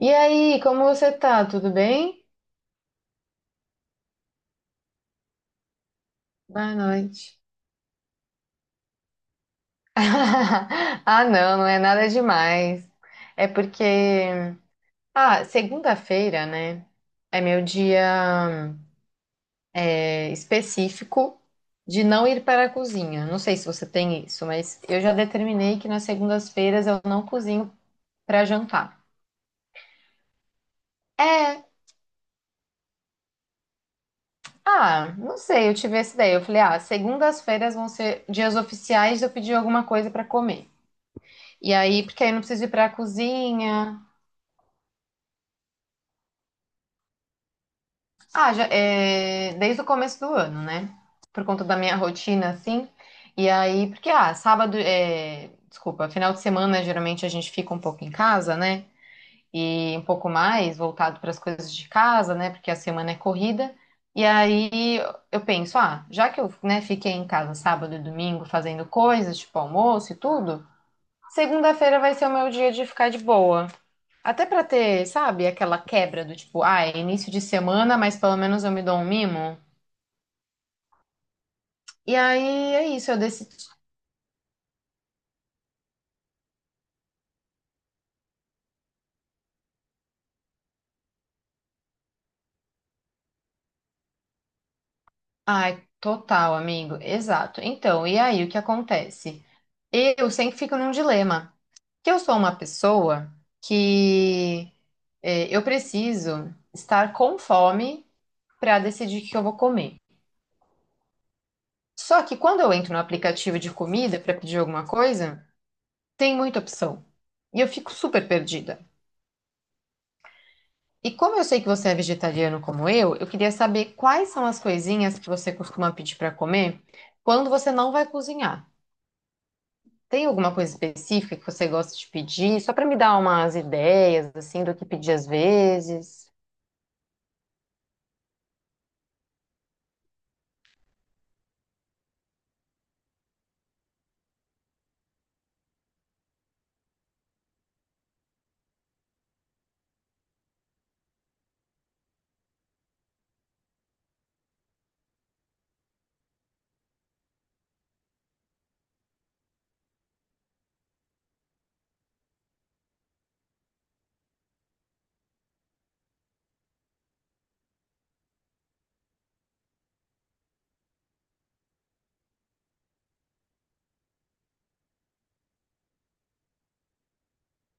E aí, como você tá? Tudo bem? Boa noite. Ah, não, não é nada demais. É porque, segunda-feira, né? É meu dia específico de não ir para a cozinha. Não sei se você tem isso, mas eu já determinei que nas segundas-feiras eu não cozinho para jantar. É, não sei, eu tive essa ideia. Eu falei, ah, segundas-feiras vão ser dias oficiais de eu pedir alguma coisa para comer. E aí, porque aí não preciso ir pra cozinha. Ah, já, é, desde o começo do ano, né? Por conta da minha rotina, assim. E aí, porque, desculpa, final de semana geralmente a gente fica um pouco em casa, né? E um pouco mais voltado para as coisas de casa, né? Porque a semana é corrida. E aí eu penso, ah, já que eu, né, fiquei em casa sábado e domingo fazendo coisas, tipo almoço e tudo, segunda-feira vai ser o meu dia de ficar de boa. Até pra ter, sabe, aquela quebra do tipo, ah, é início de semana, mas pelo menos eu me dou um mimo. E aí é isso, eu decidi. Ai, total, amigo. Exato. Então, e aí o que acontece? Eu sempre fico num dilema, que eu sou uma pessoa que eu preciso estar com fome pra decidir o que eu vou comer. Só que quando eu entro no aplicativo de comida pra pedir alguma coisa, tem muita opção. E eu fico super perdida. E como eu sei que você é vegetariano como eu queria saber quais são as coisinhas que você costuma pedir para comer quando você não vai cozinhar. Tem alguma coisa específica que você gosta de pedir, só para me dar umas ideias assim do que pedir às vezes?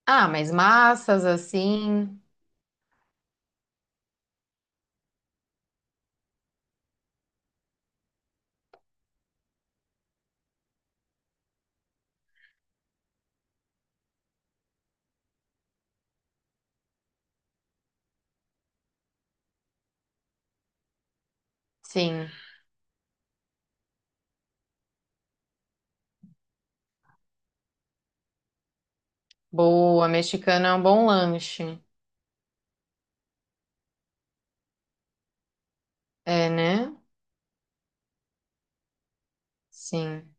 Ah, mas massas assim, sim. Boa, mexicana é um bom lanche. É, né? Sim.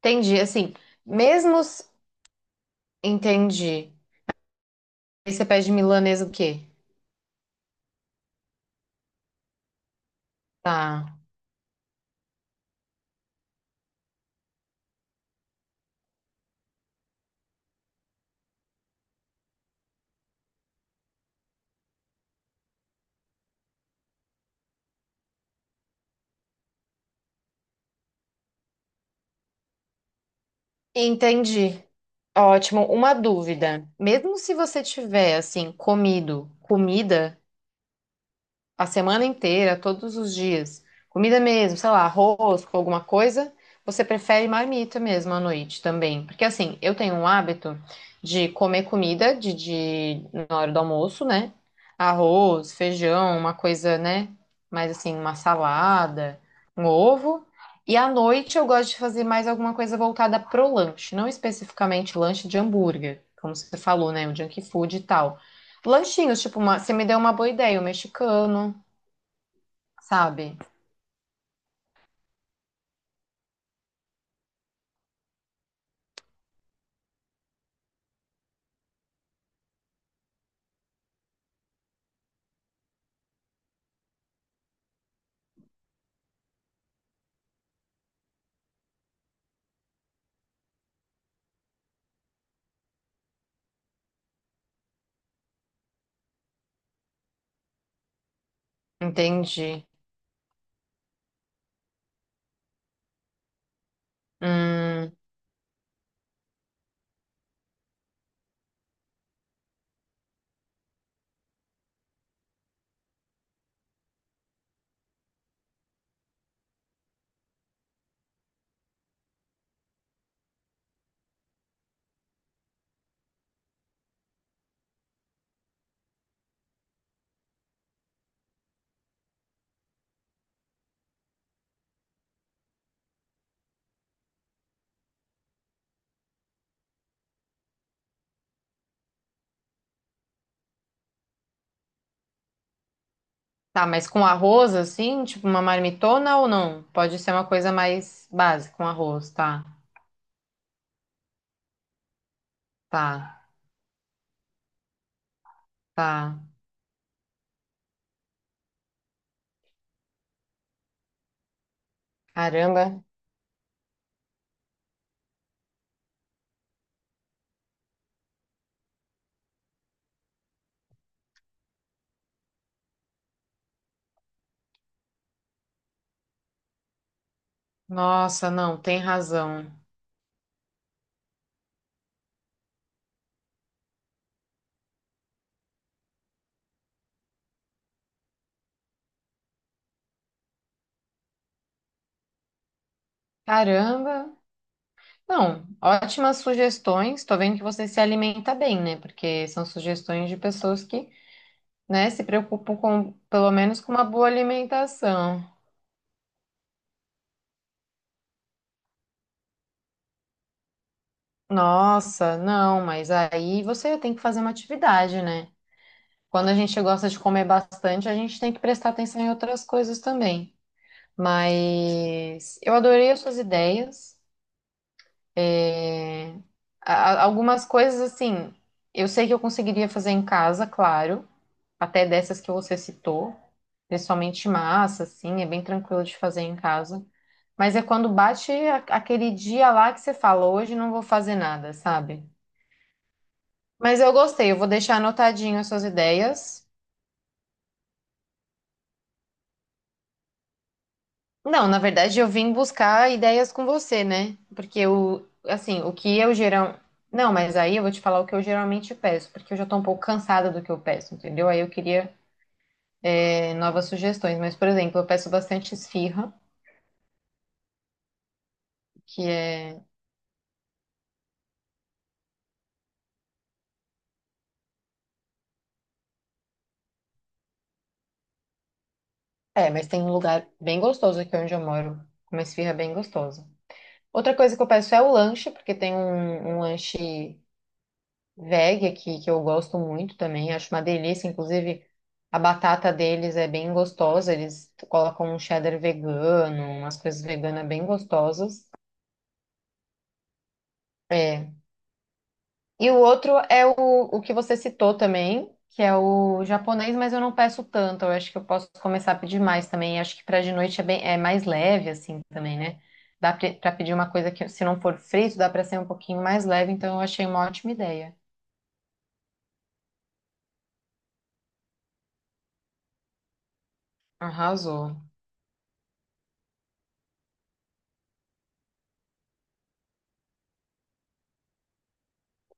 Entendi, assim, mesmos entendi. E você pede milanesa o quê? Tá. Entendi. Ótimo. Uma dúvida. Mesmo se você tiver, assim, comido comida a semana inteira, todos os dias, comida mesmo, sei lá, arroz com alguma coisa, você prefere marmita mesmo à noite também. Porque assim, eu tenho um hábito de comer comida na hora do almoço, né? Arroz, feijão, uma coisa, né? Mais assim, uma salada, um ovo. E à noite eu gosto de fazer mais alguma coisa voltada pro lanche, não especificamente lanche de hambúrguer, como você falou, né? O junk food e tal. Lanchinhos, tipo, uma, você me deu uma boa ideia, o mexicano. Sabe? Entendi. Hum, tá, mas com arroz, assim, tipo uma marmitona ou não? Pode ser uma coisa mais básica, com arroz, tá, tá, tá. Caramba. Nossa, não, tem razão. Caramba. Não, ótimas sugestões. Tô vendo que você se alimenta bem, né? Porque são sugestões de pessoas que, né, se preocupam com, pelo menos com uma boa alimentação. Nossa, não, mas aí você tem que fazer uma atividade, né? Quando a gente gosta de comer bastante, a gente tem que prestar atenção em outras coisas também. Mas eu adorei as suas ideias. É, algumas coisas, assim, eu sei que eu conseguiria fazer em casa, claro, até dessas que você citou, principalmente massa, assim, é bem tranquilo de fazer em casa. Mas é quando bate aquele dia lá que você fala, hoje não vou fazer nada, sabe? Mas eu gostei, eu vou deixar anotadinho as suas ideias. Não, na verdade eu vim buscar ideias com você, né? Porque o, assim, o que eu geral, não, mas aí eu vou te falar o que eu geralmente peço, porque eu já tô um pouco cansada do que eu peço, entendeu? Aí eu queria novas sugestões, mas por exemplo, eu peço bastante esfirra, que é, mas tem um lugar bem gostoso aqui onde eu moro, uma esfirra bem gostosa. Outra coisa que eu peço é o lanche, porque tem um lanche veg aqui, que eu gosto muito também, acho uma delícia. Inclusive, a batata deles é bem gostosa, eles colocam um cheddar vegano, umas coisas veganas bem gostosas. É. E o outro é o que você citou também, que é o japonês, mas eu não peço tanto, eu acho que eu posso começar a pedir mais também. Acho que para de noite é, bem, é mais leve, assim, também, né? Dá para pedir uma coisa que, se não for frito, dá para ser um pouquinho mais leve, então eu achei uma ótima ideia. Arrasou.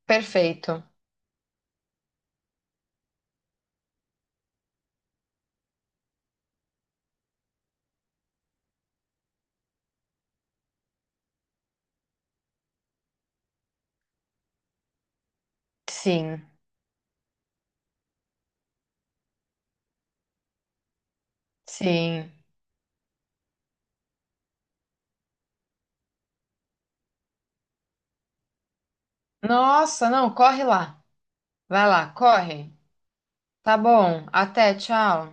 Perfeito. Sim. Sim. Nossa, não, corre lá. Vai lá, corre. Tá bom. Até, tchau.